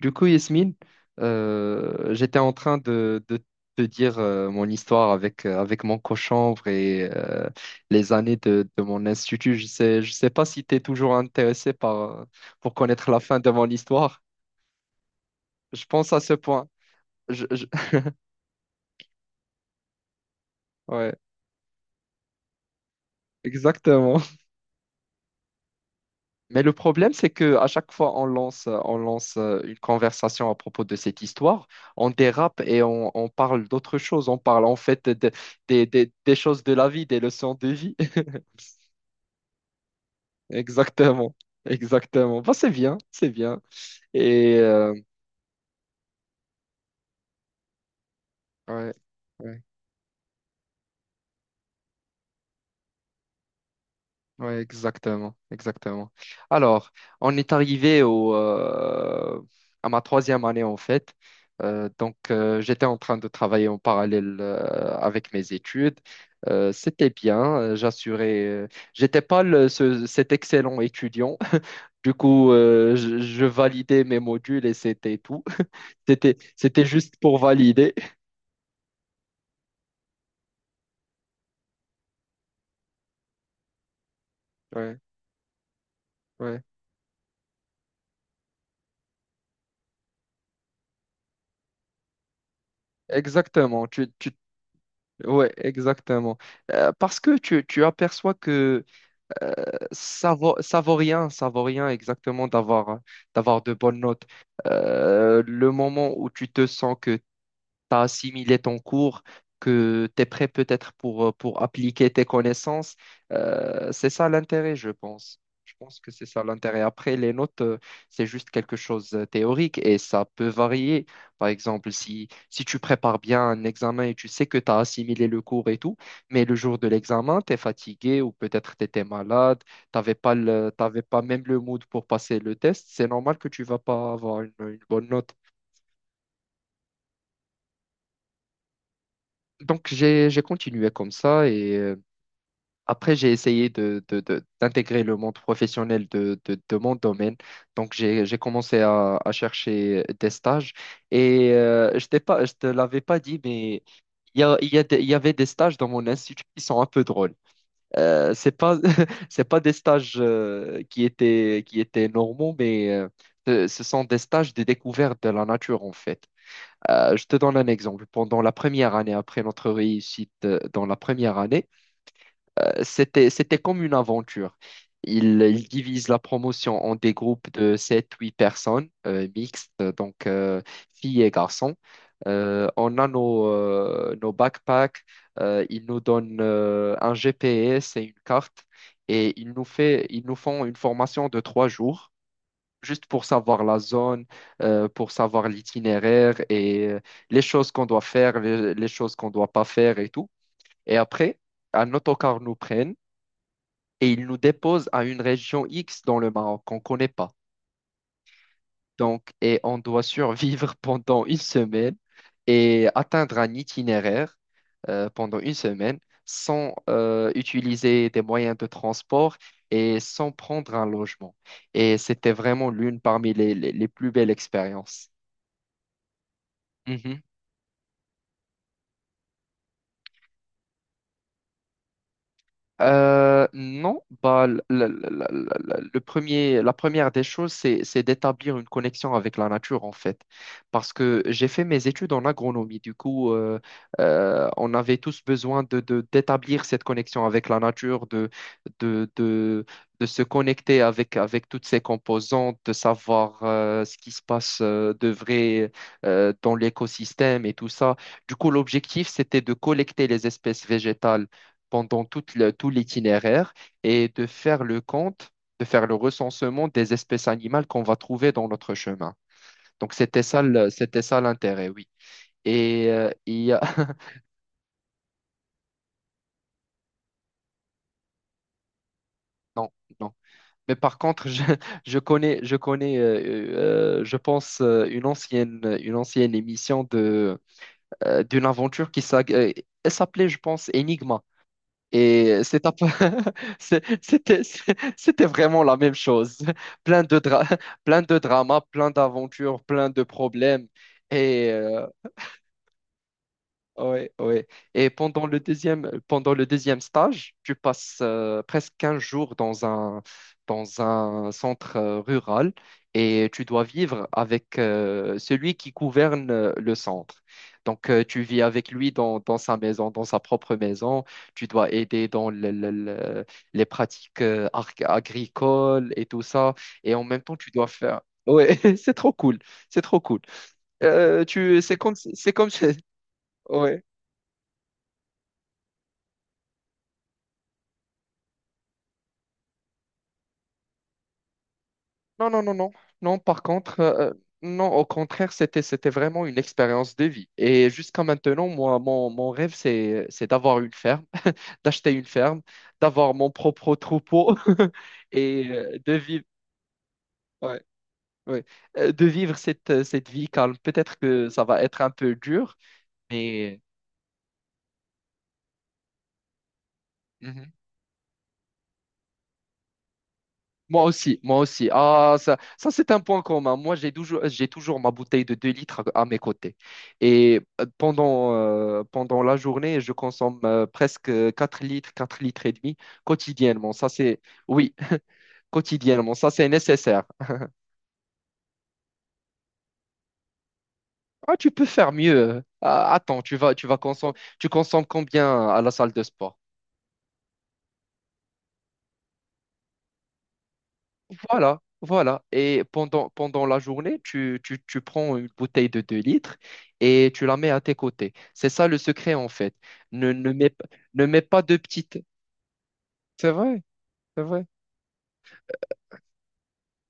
Du coup, Yasmine, j'étais en train de te dire mon histoire avec mon cochonvre et les années de mon institut. Je sais pas si tu es toujours intéressé pour connaître la fin de mon histoire. Je pense à ce point. Je- je- Ouais, exactement. Mais le problème, c'est que à chaque fois on lance une conversation à propos de cette histoire, on dérape et on parle d'autres choses. On parle en fait des choses de la vie, des leçons de vie. Exactement, exactement. Bah, c'est bien, c'est bien. Et euh, ouais, ouais, ouais, exactement, exactement. Alors, on est arrivé à ma troisième année en fait. Donc, j'étais en train de travailler en parallèle avec mes études. C'était bien, j'assurais. J'étais pas cet excellent étudiant. Du coup, je validais mes modules et c'était tout. C'était juste pour valider. Ouais, ouais. Exactement, ouais, exactement. Parce que tu aperçois que euh, ça vaut rien exactement d'avoir de bonnes notes. Le moment où tu te sens que tu as assimilé ton cours, que tu es prêt peut-être pour appliquer tes connaissances. C'est ça l'intérêt, je pense. Je pense que c'est ça l'intérêt. Après, les notes, c'est juste quelque chose de théorique et ça peut varier. Par exemple, si tu prépares bien un examen et tu sais que tu as assimilé le cours et tout, mais le jour de l'examen, tu es fatigué ou peut-être tu étais malade, t'avais pas même le mood pour passer le test, c'est normal que tu vas pas avoir une bonne note. Donc, j'ai continué comme ça et après, j'ai essayé d'intégrer le monde professionnel de mon domaine. Donc, j'ai commencé à chercher des stages et je te l'avais pas dit, mais il y avait des stages dans mon institut qui sont un peu drôles. C'est pas c'est pas des stages qui étaient normaux, mais ce sont des stages de découverte de la nature, en fait. Je te donne un exemple. Pendant la première année, après notre réussite dans la première année, c'était comme une aventure. Ils divisent la promotion en des groupes de sept, huit personnes mixtes, donc filles et garçons. On a nos backpacks, ils nous donnent un GPS et une carte et ils nous font une formation de 3 jours juste pour savoir la zone, pour savoir l'itinéraire et les choses qu'on doit faire, les choses qu'on doit pas faire et tout. Et après, un autocar nous prenne et il nous dépose à une région X dans le Maroc qu'on connaît pas. Donc, et on doit survivre pendant une semaine et atteindre un itinéraire pendant une semaine sans utiliser des moyens de transport et sans prendre un logement. Et c'était vraiment l'une parmi les plus belles expériences. Mhm. Non, bah, la première des choses, c'est d'établir une connexion avec la nature, en fait. Parce que j'ai fait mes études en agronomie. Du coup, on avait tous besoin d'établir cette connexion avec la nature, de, de, de se connecter avec toutes ses composantes, de savoir ce qui se passe de vrai dans l'écosystème et tout ça. Du coup, l'objectif, c'était de collecter les espèces végétales pendant tout l'itinéraire et de faire le compte, de faire le recensement des espèces animales qu'on va trouver dans notre chemin. Donc c'était ça, c'était ça l'intérêt, oui. Et il y a... Non, non. Mais par contre, je connais, je pense, une ancienne émission de d'une aventure elle s'appelait, je pense, Enigma. Et c'est- c'était, c'était vraiment la même chose. Plein de dra- Plein de dramas, plein d'aventures, plein de problèmes. Et euh, Ouais, ouais. Et pendant le deuxième stage, tu passes presque 15 jours dans un centre rural et tu dois vivre avec celui qui gouverne le centre. Donc, tu vis avec lui dans sa maison, dans sa propre maison. Tu dois aider dans les pratiques agricoles et tout ça. Et en même temps, tu dois faire... Ouais, c'est trop cool. C'est trop cool. C'est comme, ouais. Non, non, non, non. Non, par contre, non, au contraire, c'était vraiment une expérience de vie. Et jusqu'à maintenant, moi, mon rêve, c'est d'avoir une ferme, d'acheter une ferme, d'avoir mon propre troupeau et de vivre, ouais, ouais, de vivre cette vie calme. Peut-être que ça va être un peu dur, mais... Mhm. Moi aussi, moi aussi. Ah, ça c'est un point commun. Moi, j'ai toujours ma bouteille de 2 litres à mes côtés. Et pendant la journée, je consomme presque 4 litres, 4 litres et demi quotidiennement. Ça, c'est, oui, quotidiennement. Ça, c'est nécessaire. Ah, tu peux faire mieux. Ah, attends, tu vas consommer, tu consommes combien à la salle de sport? Voilà, voilà. Et pendant la journée, tu prends une bouteille de 2 litres et tu la mets à tes côtés. C'est ça le secret, en fait. Ne, ne mets, p- Ne mets pas de petites. C'est vrai, c'est vrai.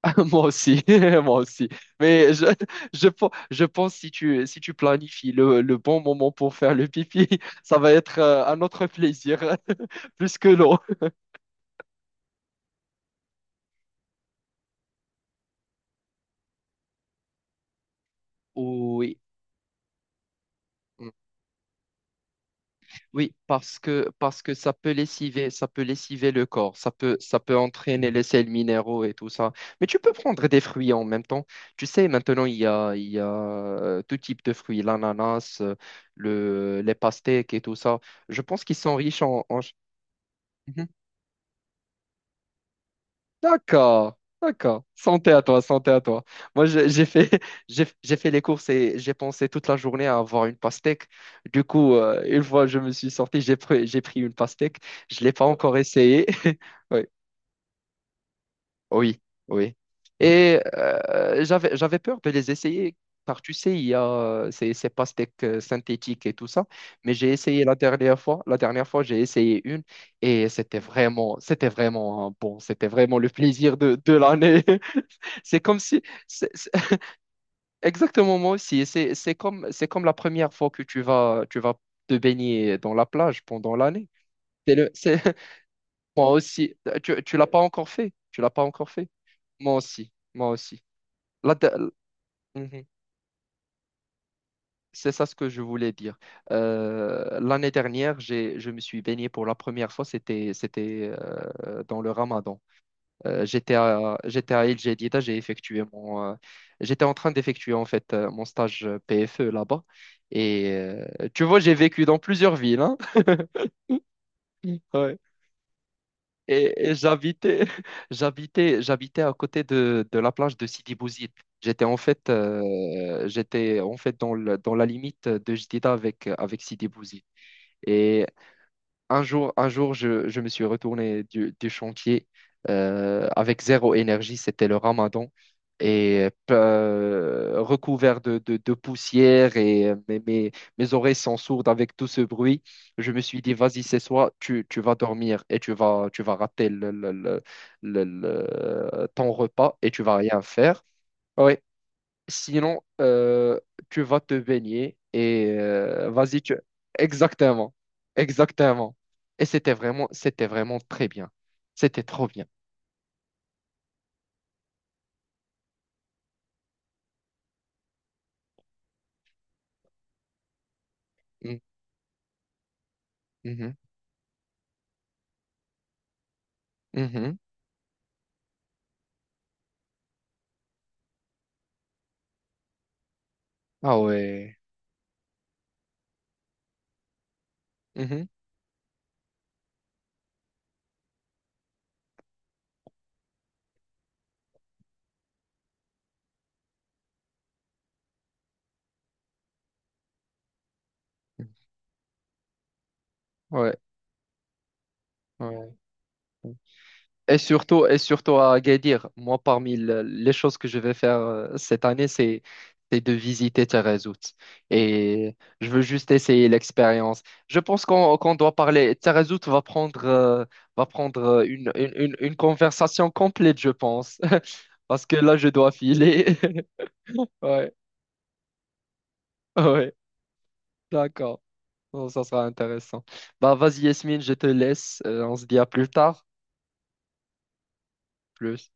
Ah, moi aussi, moi aussi. Mais je pense si si tu planifies le bon moment pour faire le pipi, ça va être un autre plaisir, plus que l'eau. Oui. Oui, parce que ça peut lessiver le corps, ça peut entraîner les sels minéraux et tout ça. Mais tu peux prendre des fruits en même temps. Tu sais, maintenant, il y a tout type de fruits, l'ananas, les pastèques et tout ça. Je pense qu'ils sont riches en... en... Mhm. D'accord, d'accord. Santé à toi, santé à toi. Moi, j'ai fait les courses et j'ai pensé toute la journée à avoir une pastèque. Du coup, une fois je me suis sorti, j'ai pris une pastèque. Je ne l'ai pas encore essayé. Oui, oui, oui. Et j'avais peur de les essayer car tu sais, il y a ces pastèques synthétiques et tout ça. Mais j'ai essayé la dernière fois. La dernière fois, j'ai essayé une. Et c'était vraiment hein, bon, c'était vraiment le plaisir de l'année. C'est comme si, c'est- Exactement moi aussi, c'est comme la première fois que tu vas te baigner dans la plage pendant l'année. C'est le, c'est, Moi aussi, tu l'as pas encore fait, tu l'as pas encore fait. Moi aussi, moi aussi. La de- Mhm. C'est ça ce que je voulais dire. L'année dernière, je me suis baigné pour la première fois, c'était dans le Ramadan. J'étais à j'étais à Il Jadida, j'étais en train d'effectuer en fait mon stage PFE là-bas. Et euh, Tu vois, j'ai vécu dans plusieurs villes, hein. Ouais. Et j'habitais à côté de la plage de Sidi Bouzid. J'étais en fait dans la limite de Jadida avec Sidi Bouzid. Et un jour, un jour, je me suis retourné du chantier avec zéro énergie, c'était le ramadan, recouvert de poussière et mes oreilles sont sourdes avec tout ce bruit. Je me suis dit, vas-y, c'est soit tu vas dormir et tu vas rater ton repas et tu vas rien faire. Oui. Sinon, tu vas te baigner et vas-y, tu... Exactement, exactement. Et c'était vraiment très bien. C'était trop bien. Mm, mhm, mhm. Ah ouais. Mhm, mhm. Ouais, ouais. Et surtout à Agadir, moi, parmi les choses que je vais faire cette année, c'est de visiter Taghazout. Et je veux juste essayer l'expérience. Je pense qu'on doit parler. Taghazout va prendre une conversation complète, je pense. Parce que là, je dois filer. Ouais, ouais, d'accord. Bon, ça sera intéressant. Bah, vas-y, Yasmine, je te laisse. On se dit à plus tard. Plus.